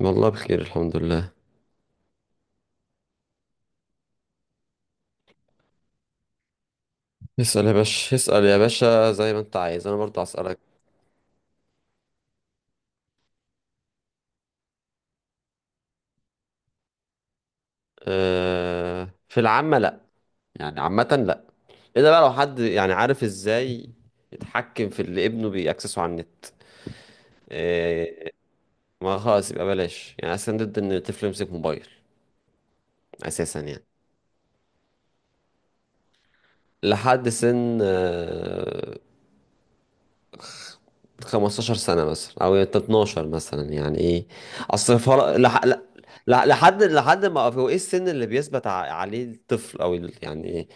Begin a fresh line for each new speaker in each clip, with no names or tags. والله بخير، الحمد لله. اسأل يا باشا، اسأل يا باشا، زي ما انت عايز انا برضه هسألك. أه في العامة لا، يعني عامة لا. الا بقى لو حد يعني عارف ازاي يتحكم في اللي ابنه بيأكسسه على النت، أه. ما خلاص يبقى بلاش، يعني اصلا ضد ان الطفل يمسك موبايل اساسا يعني. لحد سن 15 سنة مثلا أو 12 مثلا، يعني إيه أصل فرق لح... لح... لحد لحد ما هو إيه السن اللي بيثبت عليه الطفل أو يعني إيه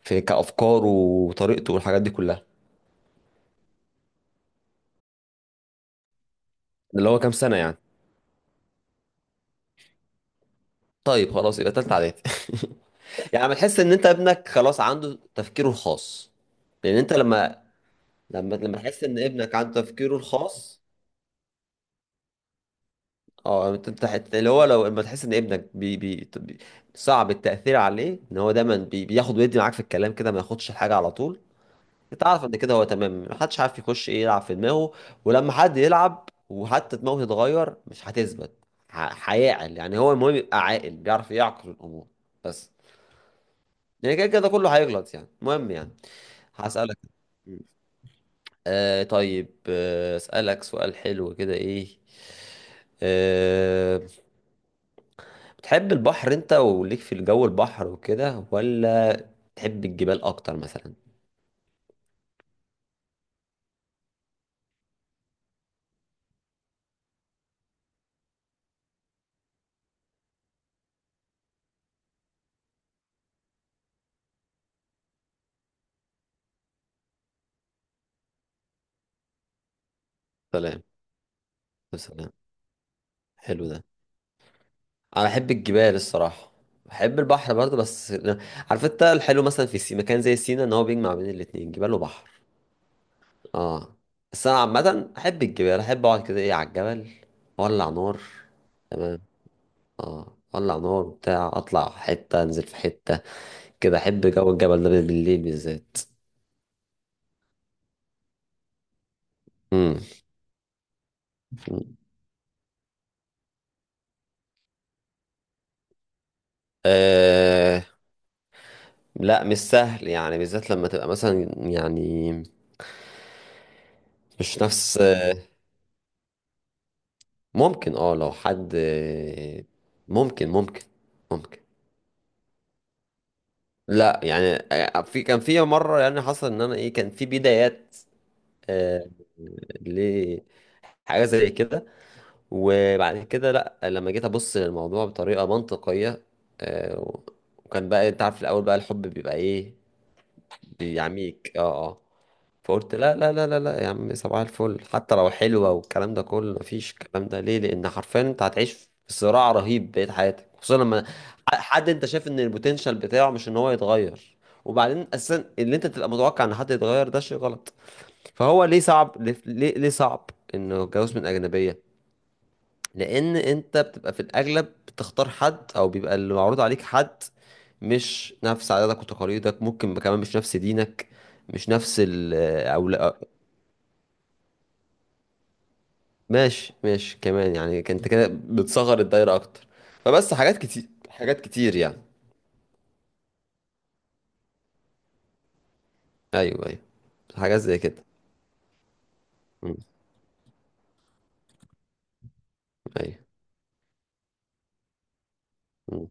في كأفكاره وطريقته والحاجات دي كلها. اللي هو كام سنة يعني؟ طيب خلاص يبقى تالتة إعدادي. يعني بتحس إن أنت ابنك خلاص عنده تفكيره الخاص. لأن أنت لما لما تحس إن ابنك عنده تفكيره الخاص، اه. انت أنت اللي هو لو لما تحس ان ابنك صعب التأثير عليه، ان هو دايما بياخد ويدي معاك في الكلام كده، ما ياخدش الحاجة على طول. انت عارف ان كده هو تمام، محدش عارف يخش ايه يلعب في دماغه، ولما حد يلعب وحتى دماغه تتغير مش هتثبت. هيعقل يعني، هو المهم يبقى عاقل بيعرف يعقل الامور بس يعني. كده كده كله هيغلط يعني، المهم يعني. هسألك. آه طيب، آه اسألك سؤال حلو كده. ايه آه، بتحب البحر انت وليك في الجو البحر وكده، ولا تحب الجبال اكتر مثلا؟ سلام. يا سلام، حلو ده. انا بحب الجبال الصراحه، بحب البحر برضه بس عارف انت الحلو مثلا في مكان زي سينا ان هو بيجمع بين الاتنين، جبال وبحر. اه بس انا عامه احب الجبال، احب اقعد كده ايه على الجبل، اولع نار. تمام. اه اولع نار وبتاع، اطلع حته انزل في حته كده، احب جو الجبل ده بالليل بالذات. امم لا مش سهل يعني، بالذات لما تبقى مثلا يعني مش نفس. ممكن اه لو حد، ممكن ممكن ممكن. لا يعني، في كان في مرة يعني حصل ان انا ايه، كان في بدايات، آه، لحاجة زي كده، وبعد كده لا، لما جيت ابص للموضوع بطريقة منطقية، آه، وكان بقى انت عارف الاول بقى الحب بيبقى ايه، بيعميك اه اه. فقلت لا لا لا لا لا يا عم، صباح الفل، حتى لو حلوة والكلام ده كله مفيش. الكلام ده ليه؟ لأن حرفيا أنت هتعيش في صراع رهيب بقية حياتك، خصوصا لما حد أنت شايف إن البوتنشال بتاعه مش إن هو يتغير، وبعدين أساسا اللي أنت تبقى متوقع إن حد يتغير ده شيء غلط. فهو ليه صعب، ليه ليه صعب إنه الجواز من أجنبية؟ لأن أنت بتبقى في الأغلب بتختار حد أو بيبقى اللي معروض عليك حد مش نفس عاداتك وتقاليدك، ممكن كمان مش نفس دينك، مش نفس أو. ماشي ماشي، كمان يعني كنت كده بتصغر الدايرة أكتر. فبس حاجات كتير، حاجات كتير يعني. أيوه أيوه، حاجات زي كده. مم. أيوه. مم.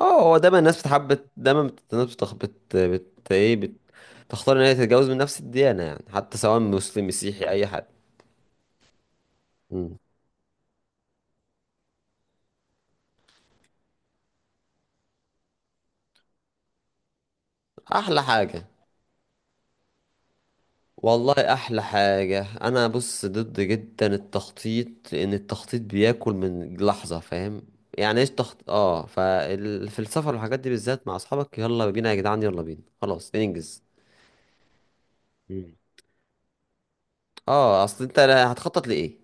أه هو دايما الناس بتحب، دايما الناس بتخ... بت... بت... إيه بت... تختار إن هي تتجوز من نفس الديانة يعني، حتى سواء مسلم مسيحي أي حد. مم. أحلى حاجة. والله احلى حاجة، انا بص ضد جدا التخطيط، لان التخطيط بياكل من لحظة فاهم يعني. ايش تخط اه، ففي السفر والحاجات دي بالذات مع اصحابك، يلا بينا يا جدعان، يلا بينا خلاص ننجز. مم. اه اصل انت هتخطط لايه؟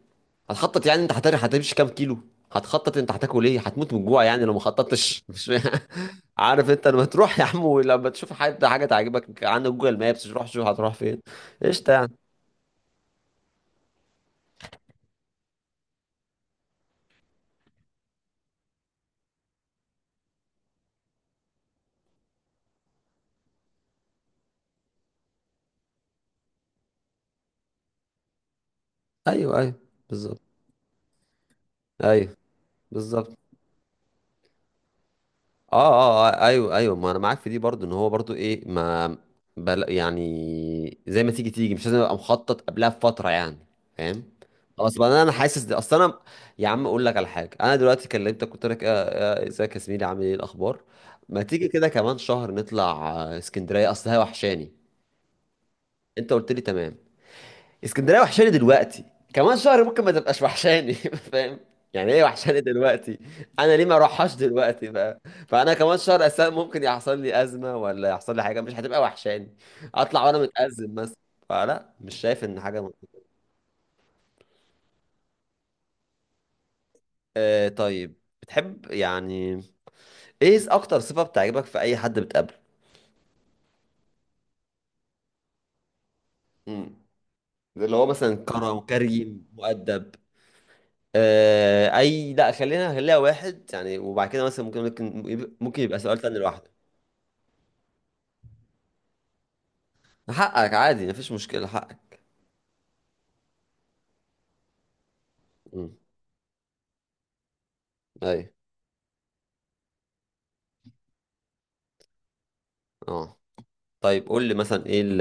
هتخطط يعني انت هتمشي كام كيلو؟ هتخطط انت هتاكل ايه؟ هتموت من الجوع يعني لو ما خططتش؟ مش عارف انت لما تروح يا عم ولما تشوف حد حاجه تعجبك، عندك جوجل، مابس روح شوف هتروح فين. قشطه يعني. ايوه ايوه، بالظبط. ايوه بالظبط. اه اه ايوه ايوه، ما انا معاك في دي برضو، ان هو برضو ايه ما بل، يعني زي ما تيجي تيجي، مش لازم ابقى مخطط قبلها بفتره يعني. فاهم. خلاص بقى انا، أنا حاسس ده اصل انا، يا عم اقول لك على حاجه، انا دلوقتي كلمتك قلت لك ازيك يا زميلي، عامل ايه الاخبار؟ ما تيجي كده كمان شهر نطلع، اسكندريه اصل هي وحشاني. انت قلت لي تمام. اسكندريه وحشاني دلوقتي، كمان شهر ممكن ما تبقاش وحشاني، فاهم؟ يعني ايه وحشاني دلوقتي، انا ليه ما اروحهاش دلوقتي بقى؟ فانا كمان شهر اساسا ممكن يحصل لي ازمه ولا يحصل لي حاجه، مش هتبقى وحشاني، اطلع وانا متازم مثلا. فلا مش شايف ان حاجه آه طيب، بتحب يعني ايه اكتر صفه بتعجبك في اي حد بتقابله؟ امم اللي هو مثلا كرم، كريم، مؤدب. آه اي، لا خلينا خليها واحد يعني، وبعد كده مثلا ممكن ممكن يبقى سؤال تاني لوحده. حقك، عادي، مفيش مشكلة، حقك. امم ايوه اه. طيب قول لي مثلا، ايه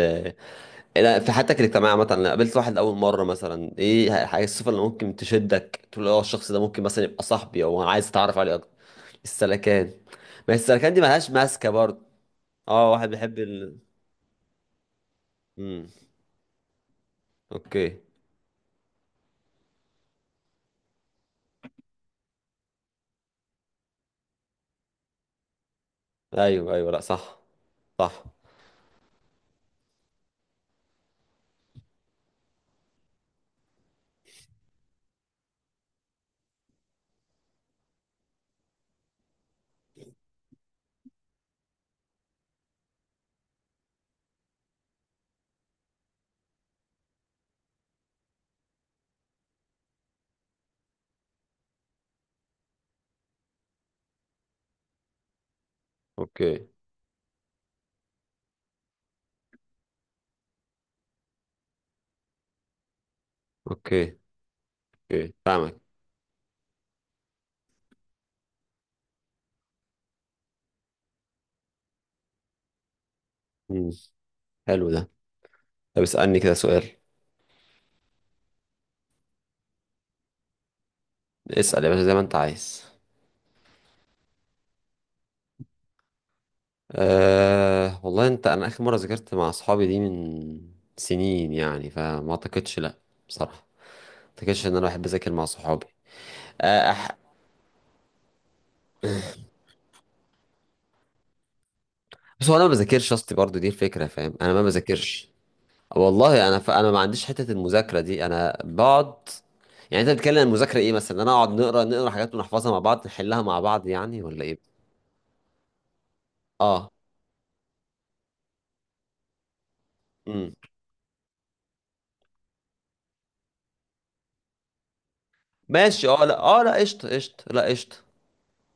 إيه، لا، في حياتك الاجتماعية مثلا لو قابلت واحد أول مرة، مثلا ايه الحاجة، الصفة اللي ممكن تشدك تقول اه الشخص ده ممكن مثلا يبقى صاحبي أو عايز أتعرف عليه أكتر؟ السلكان. ما السلكان دي ملهاش ماسكة برضه. اه واحد بيحب ال، امم اوكي. ايوه ايوه، لا صح. صح. اوكي. اوكي اوكي فاهمك. امم حلو ده. طب اسألني كده سؤال. اسأل يا باشا زي ما انت عايز. أه والله انت، انا اخر مره ذاكرت مع اصحابي دي من سنين يعني، فما اعتقدش، لا بصراحه، ما اعتقدش ان انا بحب اذاكر مع صحابي. أه أح... بس هو انا ما بذاكرش اصلي برضو دي الفكره، فاهم؟ انا ما بذاكرش. والله انا انا ما عنديش حته المذاكره دي، انا بقعد. يعني انت بتتكلم عن المذاكره ايه؟ مثلا انا اقعد نقرا نقرا حاجات ونحفظها مع بعض، نحلها مع بعض يعني، ولا ايه؟ اه. امم ماشي اه، لا اه، لا قشطه، قشطه، لا قشطه.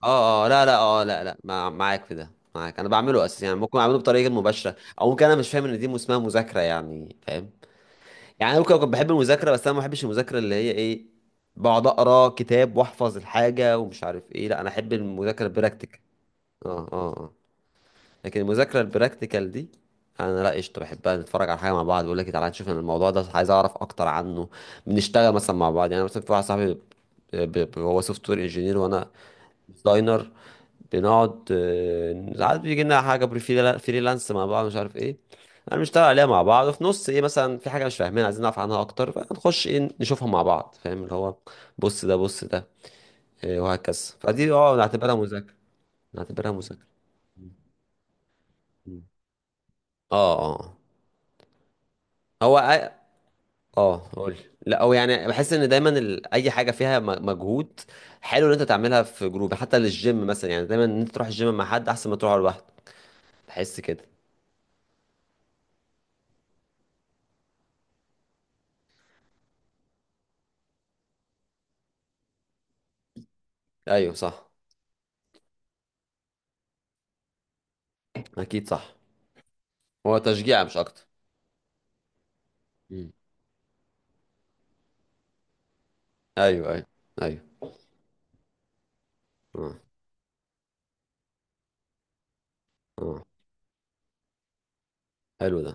اه اه لا لا اه لا لا، معاك في ده معاك، انا بعمله اساسا يعني، ممكن اعمله بطريقه غير مباشره، او ممكن انا مش فاهم ان دي اسمها مذاكره يعني، فاهم؟ يعني انا ممكن اكون بحب المذاكره، بس انا ما بحبش المذاكره اللي هي ايه، بقعد اقرا كتاب واحفظ الحاجه ومش عارف ايه. لا انا احب المذاكره البراكتيكال. اه اه اه. لكن المذاكره البراكتيكال دي انا لا قشطه بحبها، نتفرج على حاجه مع بعض، بقول لك تعالى نشوف أنا الموضوع ده عايز اعرف اكتر عنه، بنشتغل مثلا مع بعض يعني. أنا مثلا في واحد صاحبي هو سوفت وير انجينير وانا ديزاينر، بنقعد ساعات بيجي لنا حاجه فريلانس مع بعض مش عارف ايه، انا بنشتغل عليها مع بعض، وفي نص ايه مثلا في حاجه مش فاهمينها عايزين نعرف عنها اكتر، فنخش ايه نشوفها مع بعض، فاهم؟ اللي هو بص ده، بص ده، إيه، وهكذا. فدي اه نعتبرها مذاكره، نعتبرها مذاكره. اه اه آه. هو اه قول. لا هو يعني بحس ان دايما اي حاجه فيها مجهود، حلو ان انت تعملها في جروب، حتى للجيم مثلا، يعني دايما ان انت تروح الجيم مع حد احسن ما تروح لوحدك، بحس كده. ايوه صح، اكيد صح. هو تشجيع مش اكتر. مم. ايوه ايوه ايوه. اه اه. حلو ده.